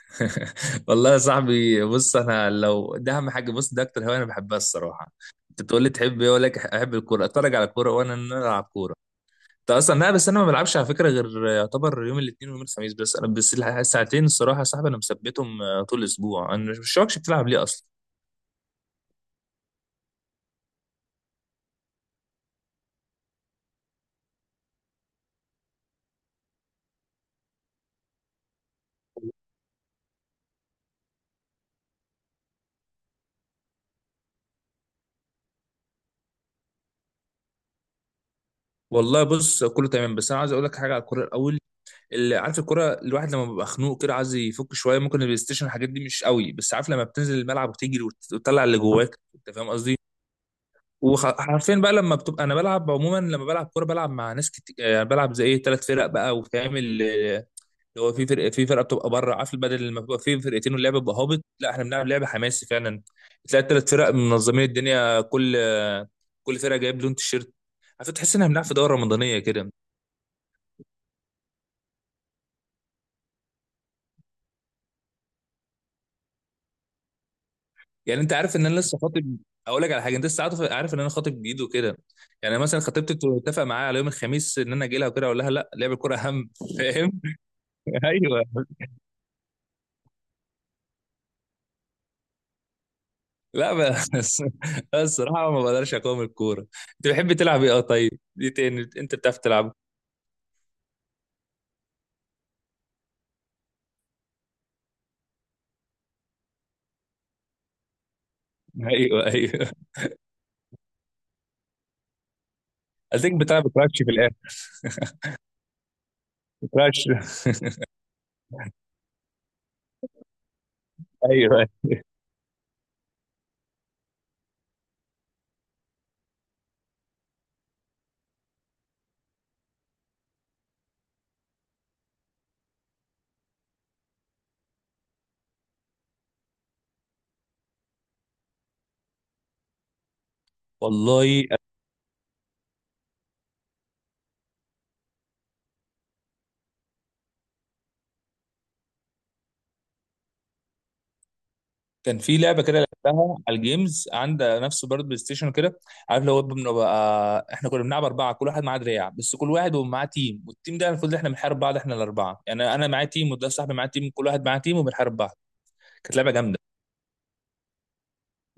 والله يا صاحبي، بص، انا لو ده اهم حاجه، بص، ده اكتر هوايه انا بحبها الصراحه. انت بتقول لي تحب ايه؟ اقول لك احب الكوره، اتفرج على الكوره، وانا ان انا العب كوره. انت اصلا لا، بس انا ما بلعبش على فكره غير يعتبر يوم الاثنين ويوم الخميس، بس انا بس الساعتين الصراحه يا صاحبي انا مثبتهم، طول الاسبوع انا مش شاكش بتلعب ليه اصلا. والله بص كله تمام، بس انا عايز اقول لك حاجه على الكوره الاول. اللي عارف الكوره، الواحد لما بيبقى خنوق كده عايز يفك شويه، ممكن البلاي ستيشن الحاجات دي مش قوي، بس عارف لما بتنزل الملعب وتجري وتطلع اللي جواك، انت فاهم قصدي. وحرفيا بقى لما بتبقى، انا بلعب عموما لما بلعب كوره بلعب مع ناس كتير، يعني بلعب زي ايه ثلاث فرق بقى، وبتعمل آه، اللي هو في فرقه بتبقى بره، عارف، بدل لما بيبقى في فرقتين واللعب بيبقى هابط، لا احنا بنلعب لعبه حماسي فعلا. بتلاقي الثلاث فرق منظمين الدنيا، كل كل فرقه جايب لون تيشيرت، عارف، تحس ان احنا بنلعب في دوره رمضانيه كده. يعني انت عارف ان انا لسه خاطب. اقول لك على حاجه، انت لسه عارف ان انا خاطب جديد وكده، يعني مثلا خطيبتي اتفق معايا على يوم الخميس ان انا اجي لها وكده، اقول لها لا لعب الكوره اهم. فاهم. ايوه. لا بس بس الصراحه ما بقدرش اقاوم الكوره. انت بتحب تلعب ايه؟ اه، طيب دي تاني، انت بتعرف تلعب؟ ايوه ايوه. قصدك بتلعب كراش في الاخر. كراش. ايوه أيوة. والله كان في لعبه كده لعبتها على الجيمز عند نفسه، برضه بلاي ستيشن كده، عارف؟ لو بنبقى، احنا كنا بنلعب اربعه، كل واحد معاه دراع، بس كل واحد ومعاه تيم، والتيم ده المفروض احنا بنحارب بعض، احنا الاربعه، يعني انا معايا تيم، وده صاحبي معاه تيم، كل واحد معاه تيم وبنحارب بعض. كانت لعبه جامده.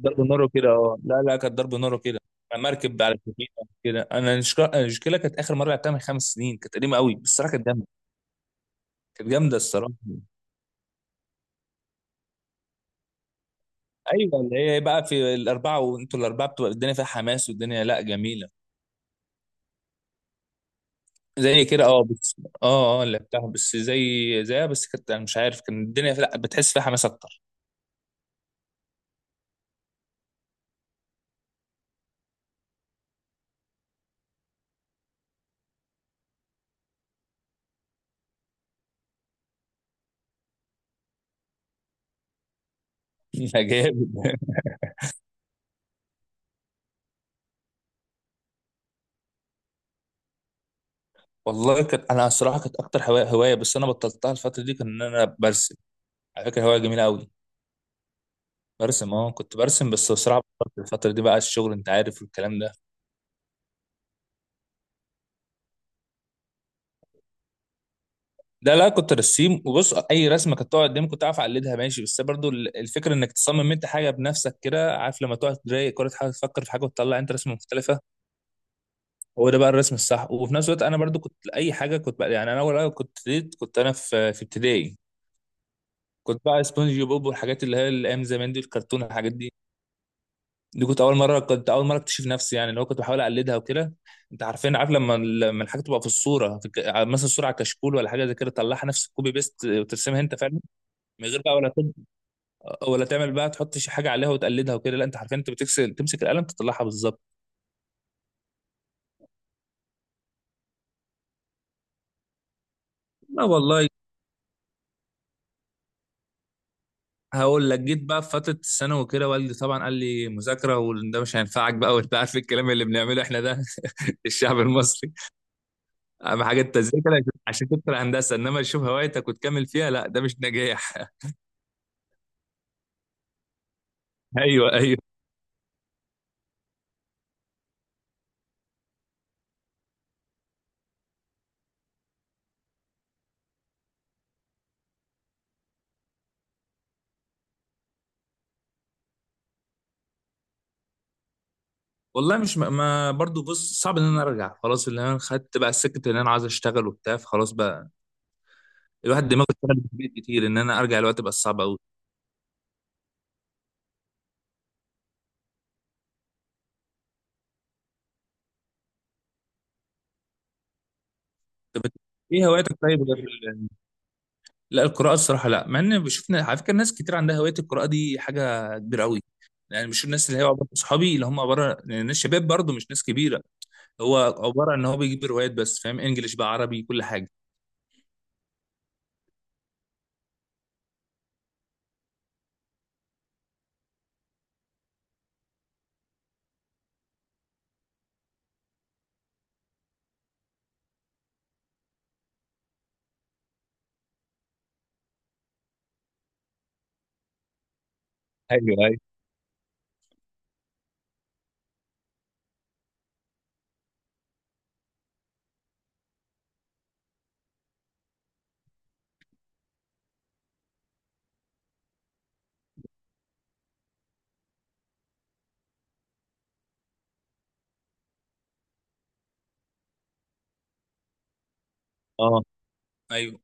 ضرب نار وكده، اه لا لا، كانت ضرب نار وكده. مركب على السفينه كده. انا المشكله كانت اخر مره لعبتها من 5 سنين، كانت قديمه قوي بس الصراحه كانت جامده. كانت جامده الصراحه. ايوه اللي هي بقى في الاربعه، وانتوا الاربعه بتبقى الدنيا فيها حماس، والدنيا لا جميله. زي كده اه، بس اه اه لعبتها، بس زي زيها، بس كانت انا مش عارف كان الدنيا لا بتحس فيها حماس اكتر. لا جامد. والله كانت انا الصراحه كانت اكتر هوايه بس انا بطلتها الفتره دي، كان ان انا برسم. على فكره هوايه جميله قوي. برسم، اه كنت برسم، بس بصراحه بطلت الفتره دي بقى الشغل انت عارف والكلام ده. لا لا كنت رسيم، وبص اي رسمه كانت تقعد قدامي كنت عارف اقلدها ماشي، بس برضو الفكره انك تصمم انت حاجه بنفسك كده، عارف لما تقعد تضايق كره حاجه، تفكر في حاجه وتطلع انت رسمه مختلفه. هو ده بقى الرسم الصح. وفي نفس الوقت انا برضو كنت اي حاجه، كنت بقى، يعني انا اول حاجه كنت ابتديت كنت انا في ابتدائي، كنت بقى سبونج بوب والحاجات اللي هي الايام زمان دي الكرتون الحاجات دي، دي كنت اول مره اكتشف نفسي، يعني اللي هو كنت بحاول اقلدها وكده. انت عارفين، عارف لما الحاجه تبقى في الصوره في الك... مثلا صوره على كشكول ولا حاجه زي كده، تطلعها نفس الكوبي بيست وترسمها انت فعلا. من غير بقى ولا تب... ولا تعمل بقى تحط شي حاجه عليها وتقلدها وكده، لا انت عارفين انت بتكسل تمسك القلم تطلعها بالظبط. لا والله، هقول لك جيت بقى في فتره الثانوي وكده، والدي طبعا قال لي مذاكره، وده مش هينفعك بقى، وانت عارف الكلام اللي بنعمله احنا ده. الشعب المصري. اهم حاجه التذاكر عشان تدخل هندسه، انما تشوف هوايتك وتكمل فيها، لا ده مش نجاح. ايوه ايوه. والله مش برضو بص صعب ان انا ارجع، خلاص اللي انا خدت بقى السكه اللي انا عايز اشتغل وبتاع فخلاص بقى. الواحد دماغه اشتغلت في البيت كتير، ان انا ارجع الوقت بقى صعب قوي. طب إنت ايه هواياتك؟ طيب غير ال- لا القراءه الصراحه لا، مع ان بشوفنا على فكره ناس كتير عندها هوايه القراءه، دي حاجه كبيره قوي. يعني بشوف الناس اللي هي عباره صحابي اللي هم عباره يعني ناس شباب برضو مش ناس كبيره، هو عباره ان هو بيجيب روايات، بس فاهم انجلش بقى، عربي، كل حاجه. ايوه ايوه. اه ايوه.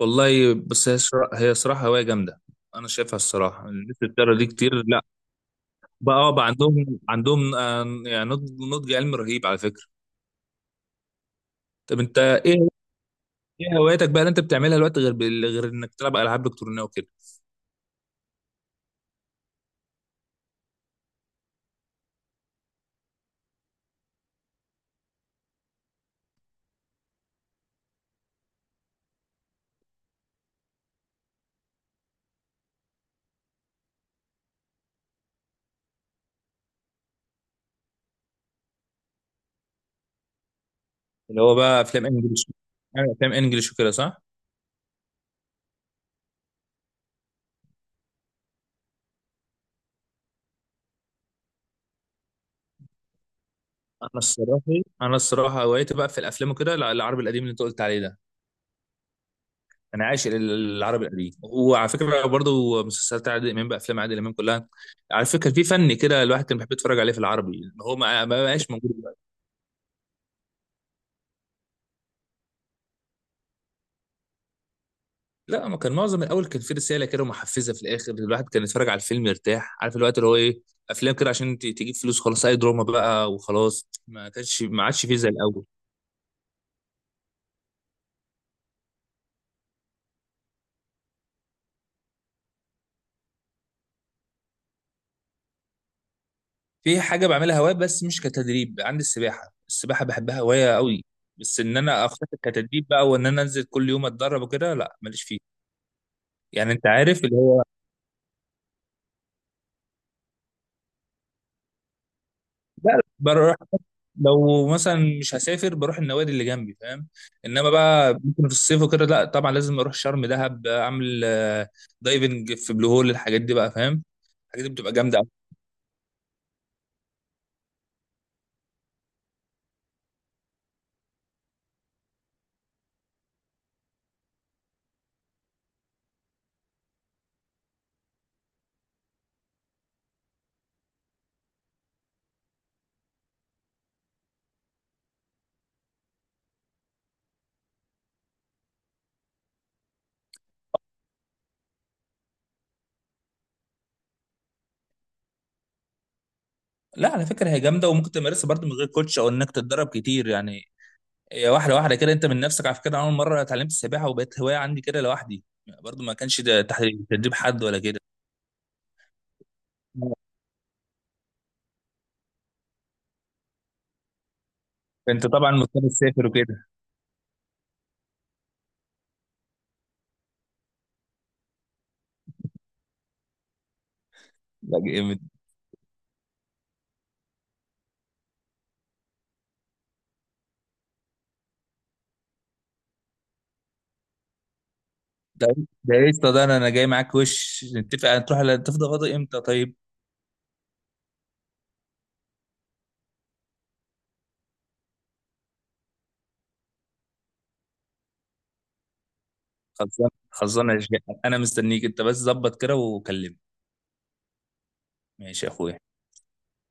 والله بس هي هي صراحة هواية جامدة. أنا شايفها الصراحة الناس اللي بتقرا دي كتير لا بقى، بقى عندهم يعني نضج علمي رهيب على فكرة. طب أنت إيه؟ إيه هواياتك بقى اللي أنت بتعملها دلوقتي غير غير إنك تلعب ألعاب إلكترونية وكده؟ اللي هو بقى أفلام إنجلش، يعني أفلام إنجلش وكده صح؟ أنا الصراحة أنا الصراحة هوايتي بقى في الأفلام وكده، لا، العربي القديم اللي أنت قلت عليه ده. انا عاشق العربي القديم، وعلى فكره برضه مسلسلات عادل امام، بافلام عادل امام كلها، على فكره كان في فن كده الواحد كان بيحب يتفرج عليه في العربي، إن هو ما بقاش موجود دلوقتي. لا ما كان معظم الاول كان في رساله كده محفزه في الاخر، الواحد كان يتفرج على الفيلم يرتاح، عارف الوقت اللي هو ايه، افلام كده عشان تجيب فلوس خلاص، اي دراما بقى وخلاص، ما كانش ما عادش فيه زي الاول. في حاجه بعملها هوايه بس مش كتدريب عندي، السباحه، السباحه بحبها هوايه قوي. بس ان انا اخطط كتدريب بقى، وان انا انزل كل يوم اتدرب وكده، لا ماليش فيه. يعني انت عارف، لا لا، بروح، لو مثلا مش هسافر بروح النوادي اللي جنبي، فاهم. انما بقى ممكن في الصيف وكده، لا طبعا لازم اروح شرم دهب اعمل دايفنج في بلو هول، الحاجات دي بقى فاهم. الحاجات دي بتبقى جامده أوي. لا على فكره هي جامده، وممكن تمارسها برضه من غير كوتش او انك تتدرب كتير يعني. هي واحده واحده كده انت من نفسك على فكره. أنا اول مره اتعلمت السباحه وبقت هوايه عندي كده لوحدي، برضه ما كانش ده تحت تدريب حد ولا كده. انت طبعا مضطر تسافر وكده. لا، ده ده قشطة، ده انا جاي معاك، وش نتفق، هتروح تفضى فاضي امتى طيب؟ خلصان خلصان يا شيخ. انا مستنيك انت بس ظبط كده وكلمني. ماشي يا اخويا.